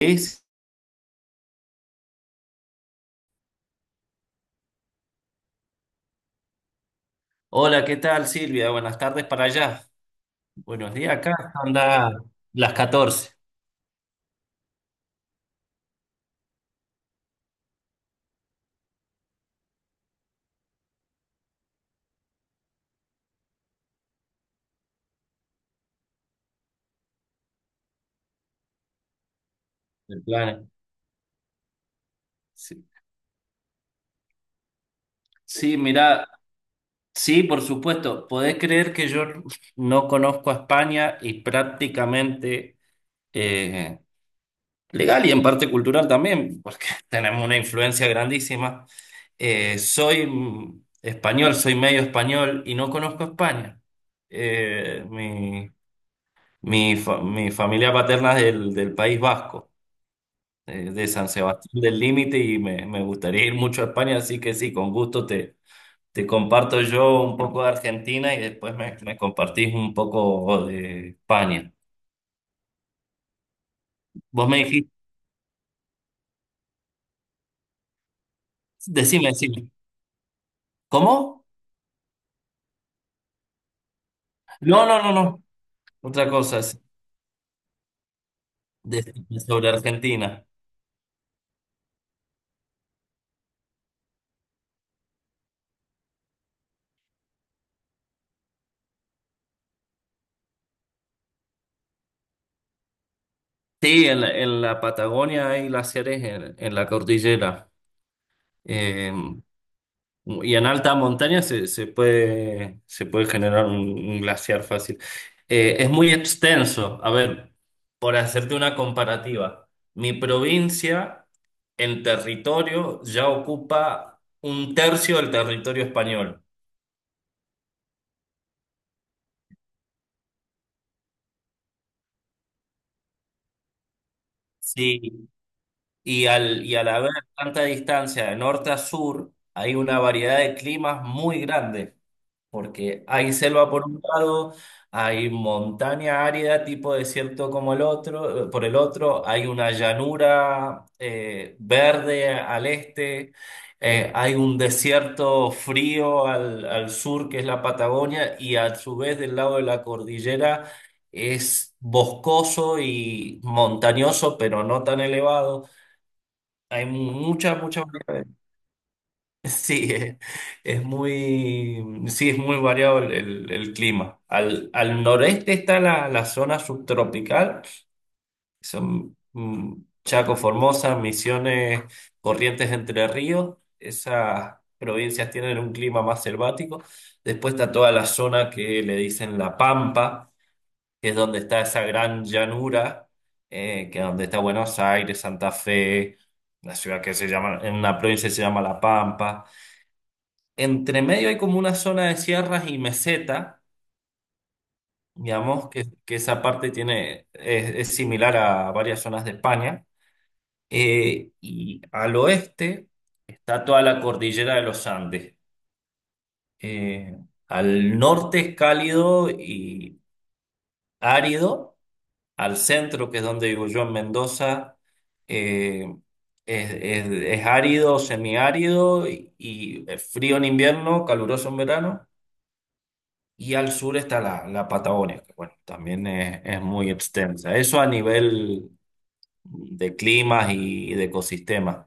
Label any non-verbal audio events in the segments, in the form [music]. Es- Hola, ¿qué tal, Silvia? Buenas tardes para allá. Buenos días acá. Anda, ¿las 14? El plan. Sí, sí, mirá, sí, por supuesto. ¿Podés creer que yo no conozco a España? Y prácticamente eh, legal y en parte cultural también, porque [laughs] tenemos una influencia grandísima. Soy español, soy medio español y no conozco a España. Eh, mi, Mi familia paterna es del País Vasco, de San Sebastián del Límite, y me gustaría ir mucho a España, así que sí, con gusto te comparto yo un poco de Argentina y después me compartís un poco de España. Vos me dijiste, decime, decime. ¿Cómo? No, no, no, no. Otra cosa, es decime sobre Argentina. Sí, en en la Patagonia hay glaciares en la cordillera. Eh, Y en alta montaña se puede generar un glaciar fácil. Es muy extenso. A ver, por hacerte una comparativa, mi provincia en territorio ya ocupa un tercio del territorio español. Sí, y al haber tanta distancia de norte a sur, hay una variedad de climas muy grande, porque hay selva por un lado, hay montaña árida tipo desierto como el otro, por el otro, hay una llanura, verde al este, hay un desierto frío al sur que es la Patagonia, y a su vez del lado de la cordillera es boscoso y montañoso, pero no tan elevado. Hay mucha, mucha variedad. [laughs] Sí, es, sí, es muy variado el clima. Al noreste está la zona subtropical, son Chaco, Formosa, Misiones, Corrientes, Entre Ríos. Esas provincias tienen un clima más selvático. Después está toda la zona que le dicen La Pampa, que es donde está esa gran llanura, que es donde está Buenos Aires, Santa Fe, la ciudad que se llama, en una provincia que se llama La Pampa. Entre medio hay como una zona de sierras y meseta, digamos, que esa parte tiene, es similar a varias zonas de España. Y al oeste está toda la cordillera de los Andes. Eh, al norte es cálido y árido. Al centro, que es donde vivo yo en Mendoza, eh, es, es, es árido, semiárido y frío en invierno, caluroso en verano. Y al sur está la Patagonia, que bueno, también es muy extensa. Eso a nivel de climas y de ecosistemas.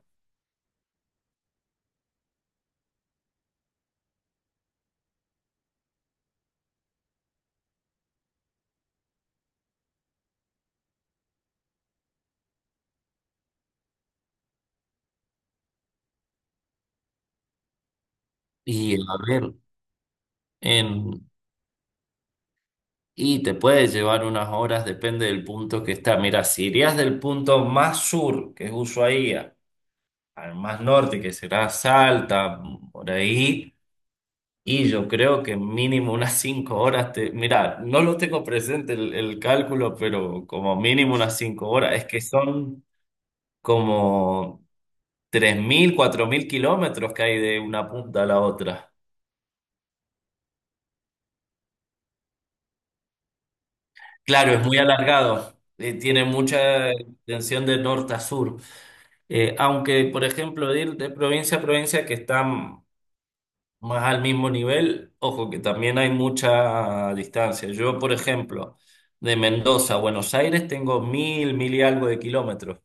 Y a ver, en, y te puede llevar unas horas, depende del punto que está. Mira, si irías del punto más sur, que es Ushuaia, al más norte, que será Salta, por ahí, y yo creo que mínimo unas cinco horas te... Mira, no lo tengo presente el cálculo, pero como mínimo unas cinco horas. Es que son... como 3.000 4.000 kilómetros que hay de una punta a la otra. Claro, es muy alargado, tiene mucha extensión de norte a sur. Aunque, por ejemplo, de ir de provincia a provincia que están más al mismo nivel, ojo que también hay mucha distancia. Yo, por ejemplo, de Mendoza a Buenos Aires tengo mil, mil y algo de kilómetros.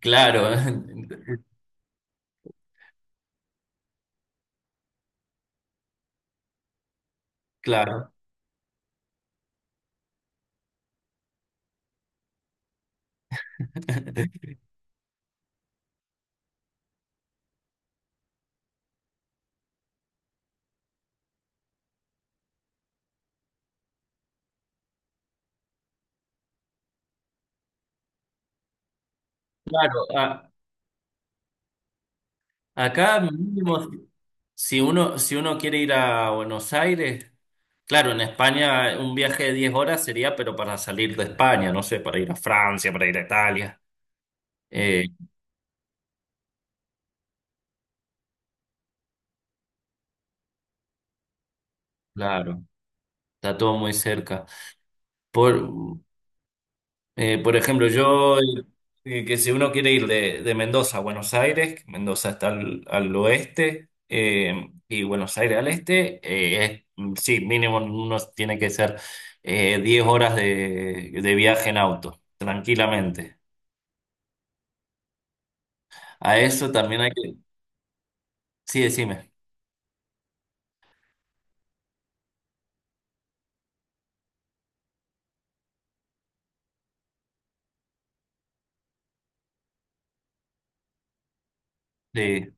Claro. [laughs] Claro. Claro, a- Acá mínimo, si uno quiere ir a Buenos Aires, claro, en España un viaje de 10 horas sería, pero para salir de España, no sé, para ir a Francia, para ir a Italia. Eh, claro, está todo muy cerca. Por, eh, por ejemplo, yo, que si uno quiere ir de Mendoza a Buenos Aires, Mendoza está al oeste, y Buenos Aires al este, sí, mínimo uno tiene que ser 10 horas de viaje en auto, tranquilamente. A eso también hay que... Sí, decime. Sí.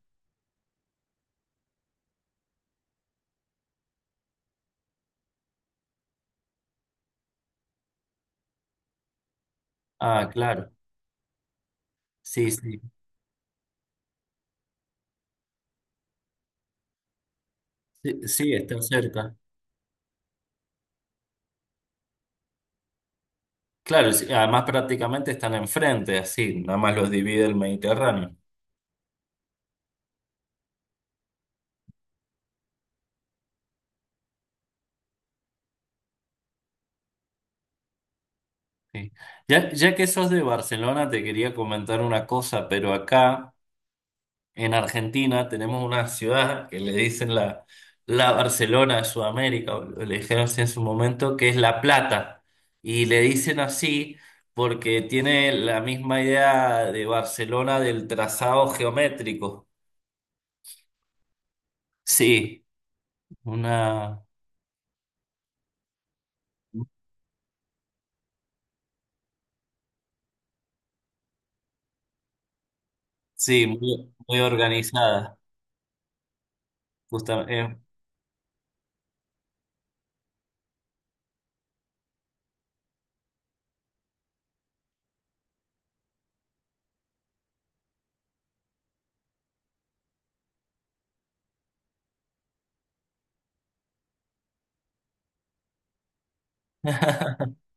Ah, claro. Sí, sí. Sí, sí, están cerca. Claro, sí, además prácticamente están enfrente, así, nada más los divide el Mediterráneo. Sí. Ya, ya que sos de Barcelona, te quería comentar una cosa, pero acá en Argentina tenemos una ciudad que le dicen la Barcelona de Sudamérica, o le dijeron así en su momento, que es La Plata. Y le dicen así porque tiene la misma idea de Barcelona, del trazado geométrico. Sí, una, sí, muy, muy organizada, justamente. [laughs]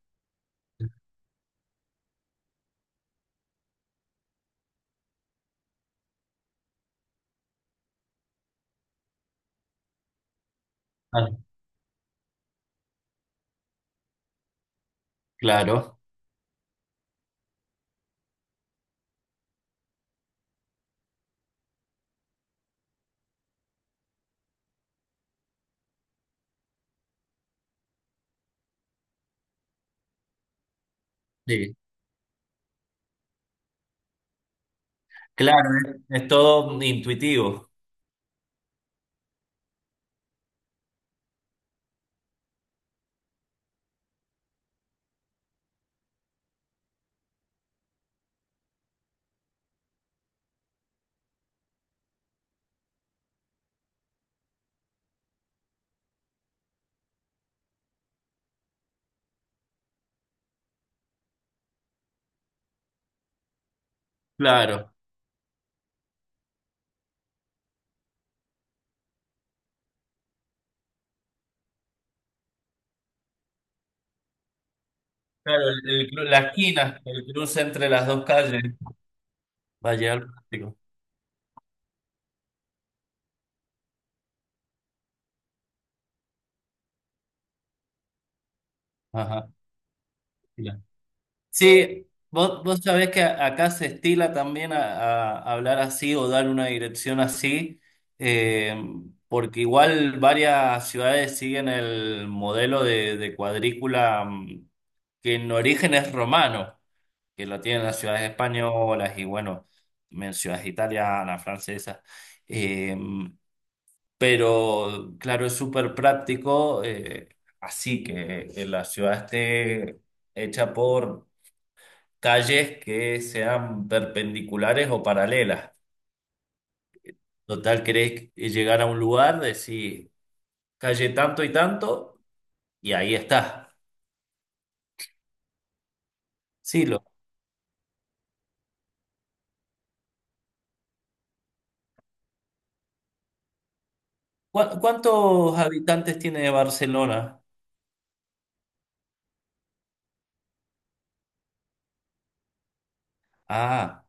Ah, claro. Sí. Claro, es todo intuitivo. Claro, claro, la esquina, el cruce entre las dos calles, va a llegar plástico. Ajá, ya. Sí, vos, acá se estila también a hablar así, o dar una dirección así, eh, porque igual varias ciudades siguen el modelo de cuadrícula, que en origen es romano, que lo tienen las ciudades españolas y bueno, en ciudades italianas, francesas. Eh, pero claro, es súper práctico, así que la ciudad esté hecha por calles que sean perpendiculares o paralelas. Total, querés llegar a un lugar, decís calle tanto y tanto, y ahí está. Sí, lo- ¿Cu- ¿cuántos habitantes tiene Barcelona? Ah.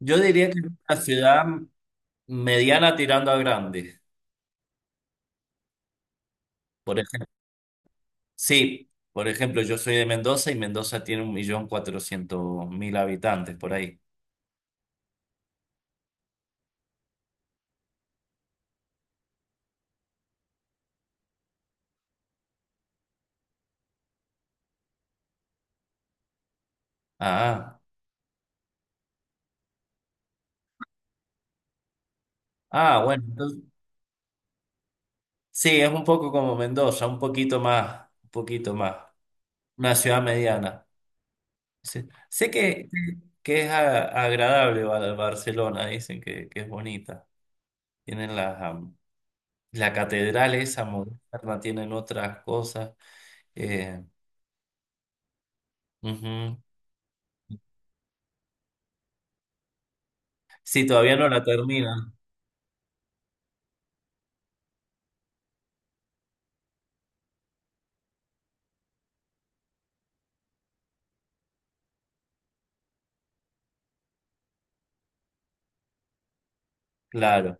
Yo diría que es una ciudad mediana tirando a grande. Por ejemplo, sí, por ejemplo, yo soy de Mendoza y Mendoza tiene 1.400.000 habitantes por ahí. Ah, ah, bueno, entonces, sí, es un poco como Mendoza, un poquito más, un poquito más. Una ciudad mediana. Sí. Que es agradable Barcelona, dicen que es bonita. Tienen am, la catedral esa moderna, tienen otras cosas. Eh, ujú. Sí, todavía no la terminan. Claro,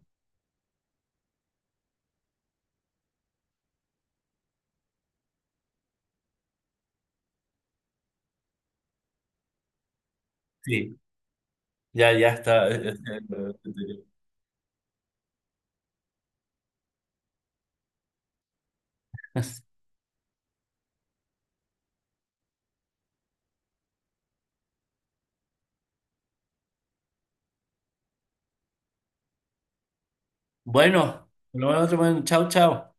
sí, ya, ya está. [laughs] Bueno, nos vemos en otro momento. Chao, chao.